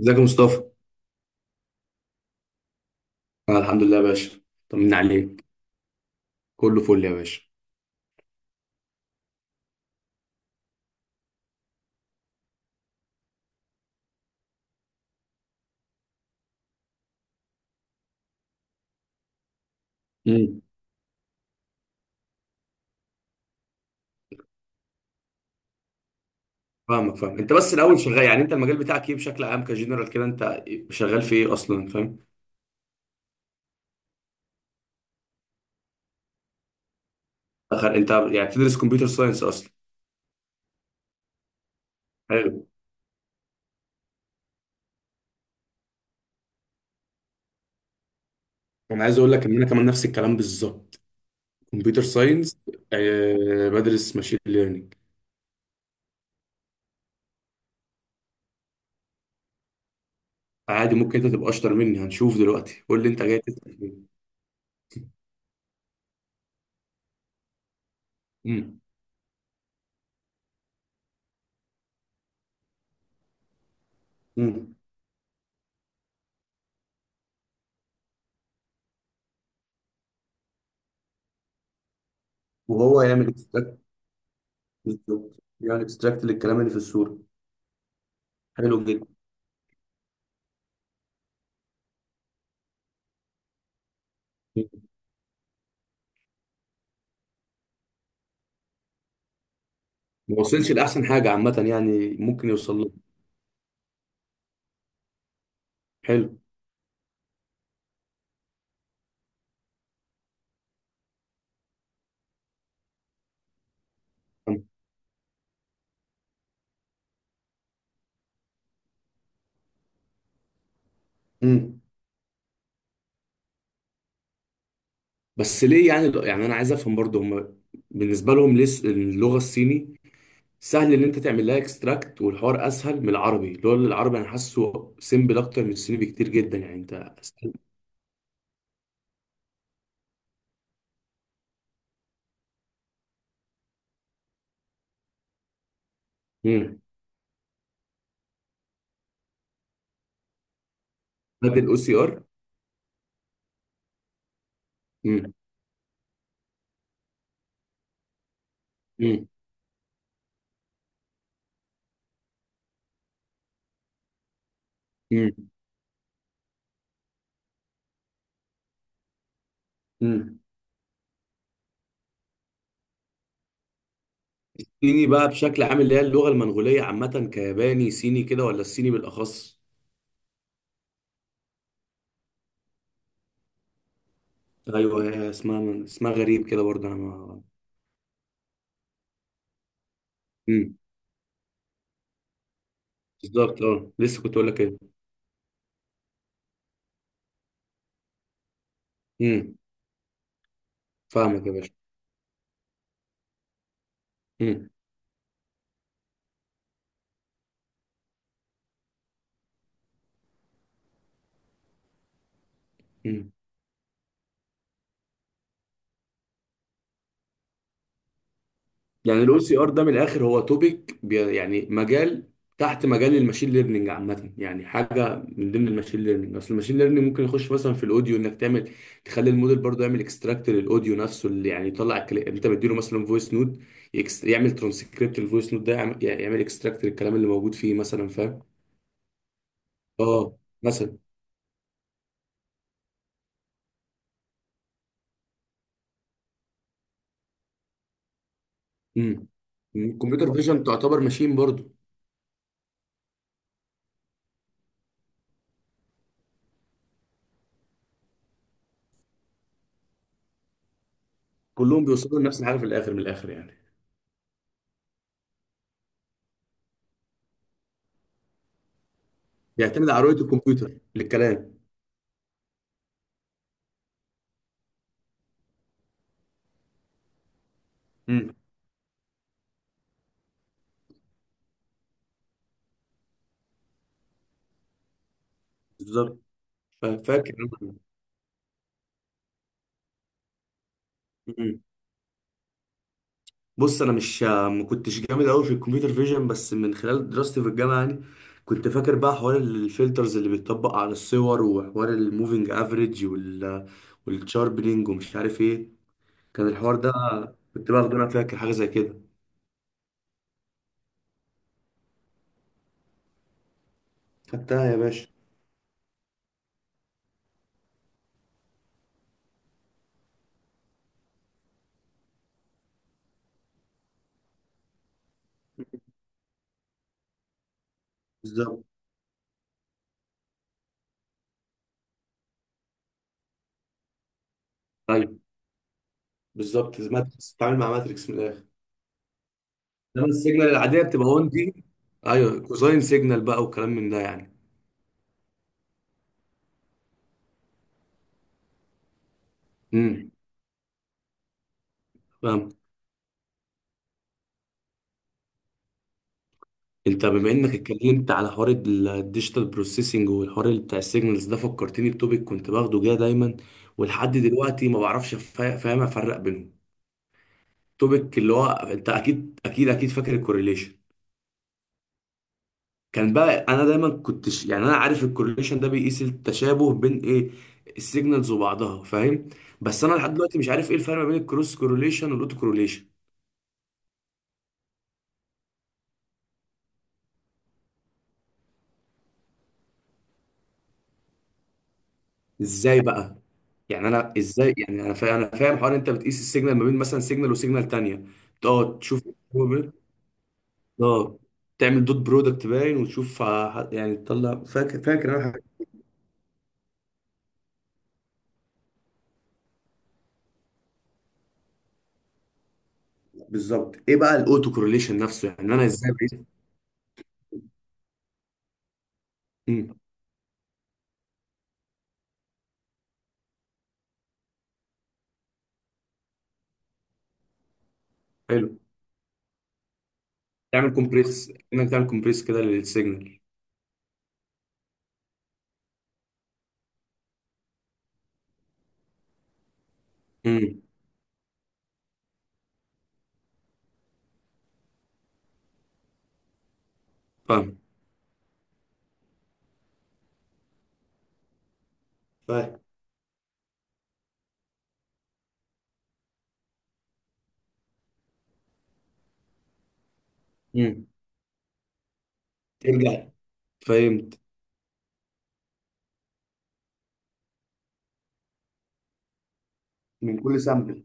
ازيك يا مصطفى؟ انا الحمد لله يا باشا، طمنا عليك. كله فل يا باشا. امم. فاهمك، فاهم انت، بس الاول شغال. يعني انت المجال بتاعك ايه بشكل عام، كجنرال كده، انت شغال في ايه اصلا، فاهم؟ اخر انت يعني بتدرس كمبيوتر ساينس اصلا؟ حلو. انا عايز اقول لك ان انا كمان نفس الكلام بالظبط. كمبيوتر ساينس. بدرس ماشين ليرنينج. عادي، ممكن انت تبقى اشطر مني. هنشوف دلوقتي، قول لي انت جاي تسال فين. امم. امم. وهو يعمل اكستراكت. بالظبط، يعمل اكستراكت للكلام اللي في الصوره. حلو جدا. ما وصلش لاحسن حاجه عامه، يعني ممكن يوصل له. حلو. امم. بس ليه؟ يعني انا عايز افهم برضه، هم بالنسبه لهم ليه اللغه الصيني سهل ان انت تعمل لها اكستراكت، والحوار اسهل من العربي؟ اللي هو العربي انا حاسه سيمبل اكتر من الصيني بكتير جدا، يعني انت. امم. بدل الاو سي ار. امم. امم. امم. امم. صيني بقى بشكل عام، اللي هي اللغه المنغوليه عامه، كياباني صيني كده، ولا الصيني بالاخص؟ ايوه، هي اسمها اسمها غريب كده برضه. انا ما... مم. بالظبط. اه لسه كنت اقول لك ايه. امم. فاهمك يا باشا. امم. امم. يعني الاو سي ار ده، من الاخر، هو توبيك يعني مجال تحت مجال الماشين ليرنينج عامه، يعني حاجه من ضمن الماشين ليرنينج. اصل الماشين ليرنينج ممكن يخش مثلا في الاوديو، انك تعمل تخلي الموديل برضه يعمل اكستراكت للاوديو نفسه، اللي يعني يطلع الكلام. انت مديله مثلا فويس نوت يعمل ترانسكريبت للفويس نوت ده، يعمل اكستراكت للكلام اللي موجود فيه، مثلا، فاهم؟ اه. مثلا. امم. الكمبيوتر فيجن تعتبر ماشين برضه. كلهم بيوصلوا لنفس الحاجه في الاخر، من الاخر يعني. بيعتمد على رؤيه الكمبيوتر للكلام. امم. بالظبط. فاكر أنا. أمم. بص، انا مش ما كنتش جامد قوي في الكمبيوتر فيجن، بس من خلال دراستي في الجامعه يعني كنت فاكر بقى حوار الفلترز اللي بيتطبق على الصور، وحوار الموفينج افريج والشاربنينج ومش عارف ايه. كان الحوار ده كنت باخده، انا فاكر حاجه زي كده. خدتها يا باشا. بالظبط. ايوه بالظبط، ماتريكس بتتعامل مع ماتريكس من الاخر. انما السيجنال العاديه بتبقى 1D دي. ايوه، كوساين سيجنال بقى وكلام من ده يعني. امم. فاهم. انت، بما انك اتكلمت على حوار الديجيتال بروسيسنج والحوار اللي بتاع السيجنالز ده، فكرتني بتوبيك كنت باخده جاه دايما. ولحد دلوقتي ما بعرفش. فاهم افرق بينهم. توبيك اللي هو انت اكيد، اكيد، اكيد فاكر: الكورليشن. كان بقى انا دايما كنتش يعني. انا عارف الكورليشن ده بيقيس التشابه بين ايه، السيجنالز وبعضها، فاهم؟ بس انا لحد دلوقتي مش عارف ايه الفرق ما بين الكروس كورليشن والاوتو كورليشن. ازاي بقى؟ يعني انا ازاي؟ يعني انا فاهم انا فاهم حوار انت بتقيس السيجنال ما بين مثلا سيجنال وسيجنال تانية، تقعد تشوف. اه، تعمل دوت برودكت باين وتشوف يعني تطلع. فاكر فاكر انا حاجة-. بالظبط، ايه بقى الاوتو كورليشن نفسه؟ يعني انا ازاي بقيس؟ امم. حلو. تعمل كومبريس؟ انك تعمل كومبريس كده للسيجنال؟ امم. فاهم فاهم. امم. ترجع. فهمت. من كل سامبل.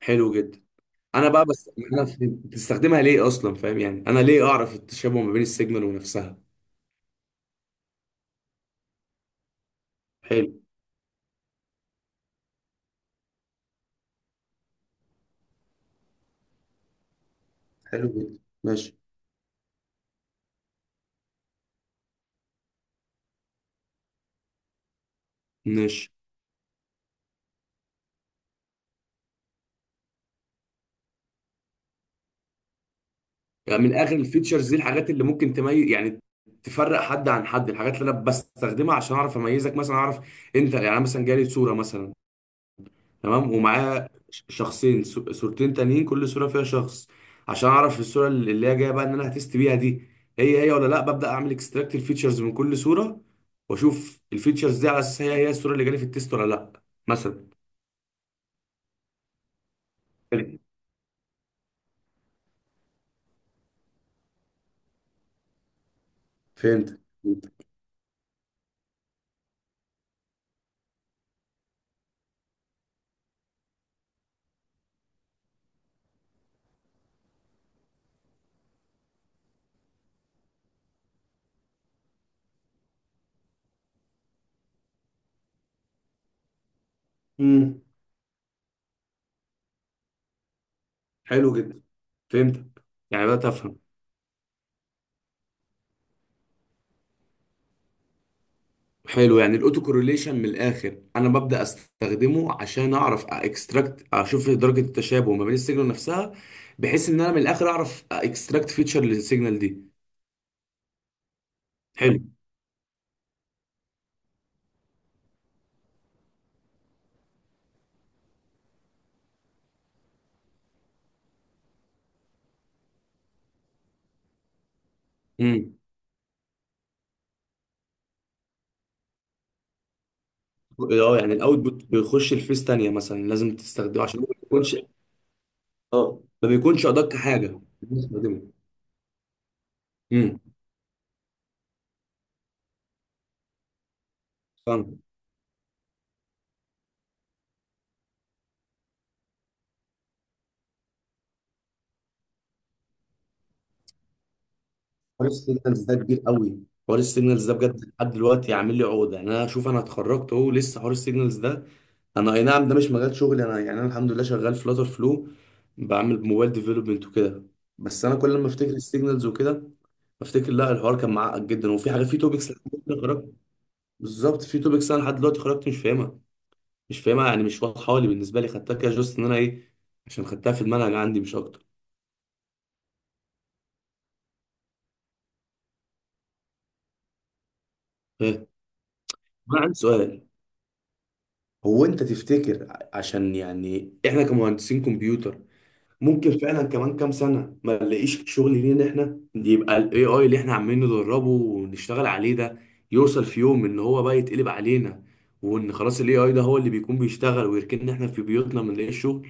حلو جدا. انا بقى. بس انا بتستخدمها ليه اصلا، فاهم؟ يعني انا ليه اعرف التشابه ما بين السيجنال ونفسها؟ حلو. حلو جدا. ماشي. ماشي. يعني من اخر، الفيتشرز دي الحاجات اللي ممكن تميز يعني تفرق حد عن حد، الحاجات اللي انا بستخدمها عشان اعرف اميزك مثلا. اعرف انت يعني. أنا مثلا جالي صوره مثلا. تمام، ومعاه شخصين صورتين تانيين، كل صورة فيها شخص. عشان اعرف الصورة اللي هي جاية بقى ان انا هتست بيها دي، هي هي ولا لا؟ ببدأ اعمل اكستراكت الفيتشرز من كل صورة، واشوف الفيتشرز دي على اساس هي هي الصورة اللي جالي في التيست ولا لا، مثلا. فهمت. فهمت. امم. حلو جدا. فهمتك. يعني بدأت افهم. حلو. يعني الاوتو كورليشن من الاخر انا ببدا استخدمه عشان اعرف اكستراكت، اشوف درجه التشابه ما بين السيجنال نفسها، بحيث ان انا من الاخر اعرف اكستراكت فيتشر للسيجنال دي. حلو. امم. اه يعني الاوتبوت بيخش الفيس تانية مثلا، لازم تستخدمه عشان ما بيكونش. اه ما بيكونش ادق حاجه، لازم تستخدمه. امم. فاهم. حوار السيجنالز ده كبير قوي. حوار السيجنالز ده بجد لحد دلوقتي عامل لي عقده يعني. انا شوف، انا اتخرجت اهو، لسه حوار السيجنالز ده. انا، اي نعم، ده مش مجال شغلي انا يعني. انا الحمد لله شغال فلاتر فلو، بعمل موبايل ديفلوبمنت وكده. بس انا كل ما افتكر السيجنالز وكده، بفتكر لا، الحوار كان معقد جدا، وفي حاجات، في توبكس لحد دلوقتي خرجت. بالظبط. في توبكس انا لحد دلوقتي خرجت مش فاهمها، مش فاهمها يعني، مش واضحه لي. بالنسبه لي خدتها كده جوست ان انا ايه، عشان خدتها في المنهج عندي مش اكتر. ايه. انا عندي سؤال. هو انت تفتكر عشان يعني احنا كمهندسين كمبيوتر، ممكن فعلا كمان كام سنة ما نلاقيش شغل لينا احنا؟ يبقى الاي اي اللي احنا عمالين ندربه ونشتغل عليه ده يوصل في يوم ان هو بقى يتقلب علينا، وان خلاص الاي اي ده هو اللي بيكون بيشتغل ويركننا احنا في بيوتنا ما نلاقيش شغل؟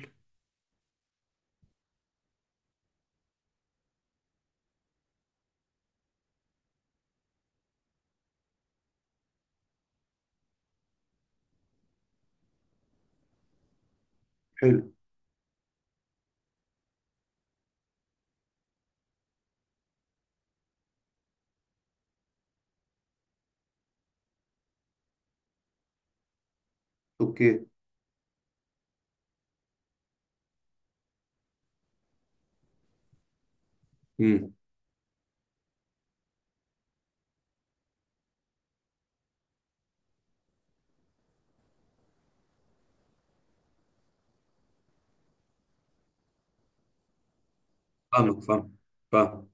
حلو. اوكي. امم. فاهمك. فاهم فاهم.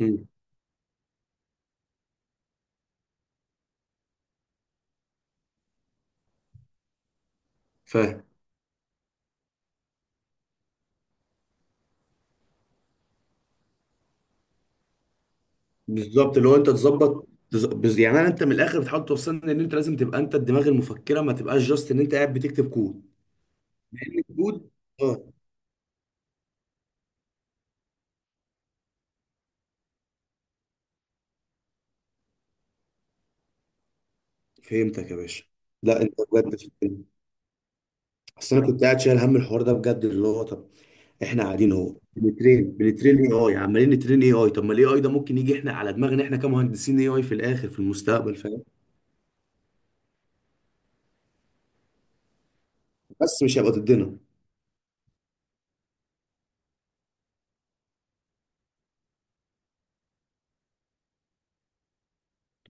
امم. فاهم. بالظبط. اللي هو انت تظبط يعني انت من الاخر بتحاول توصلني ان انت لازم تبقى انت الدماغ المفكره ما تبقاش جاست ان انت قاعد بتكتب كود. موجود. اه. فهمتك يا باشا. لا انت بجد، فهمت. اصل انا كنت قاعد شايل هم الحوار ده بجد، اللي هو طب احنا قاعدين اهو بنترين بنترين اي اي، عمالين نترين اي اي. طب ما الاي اي ده ممكن يجي احنا على دماغنا احنا كمهندسين اي اي في الاخر في المستقبل، فاهم؟ بس مش هيبقى ضدنا.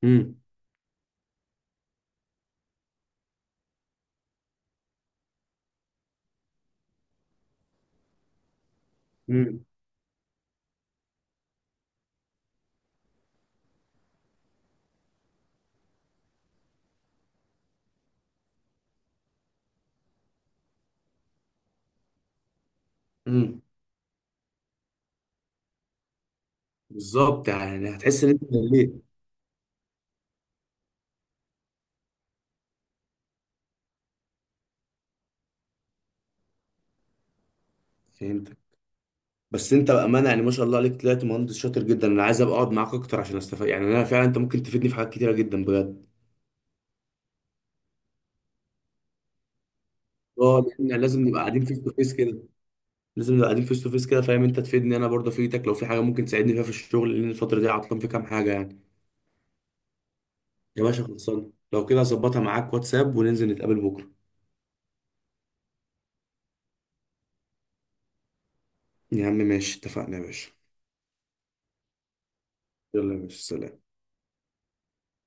امم. امم. امم. بالظبط. يعني هتحس ان انت مليت. فهمتك. بس انت بامانه، يعني ما شاء الله عليك، طلعت مهندس شاطر جدا. انا عايز ابقى اقعد معاك اكتر عشان استفاد، يعني انا فعلا انت ممكن تفيدني في حاجات كتيره جدا بجد. اه، لان لازم نبقى قاعدين فيس تو فيس كده. لازم نبقى قاعدين فيس تو فيس كده، فاهم؟ انت تفيدني انا برضه افيدك، لو في حاجه ممكن تساعدني فيها في الشغل، لان الفتره دي عطلان في كام حاجه يعني. يا باشا خلصان. لو كده هظبطها معاك واتساب وننزل نتقابل بكره. يا عم ماشي، اتفقنا يا باشا. يلا يا باشا، سلام.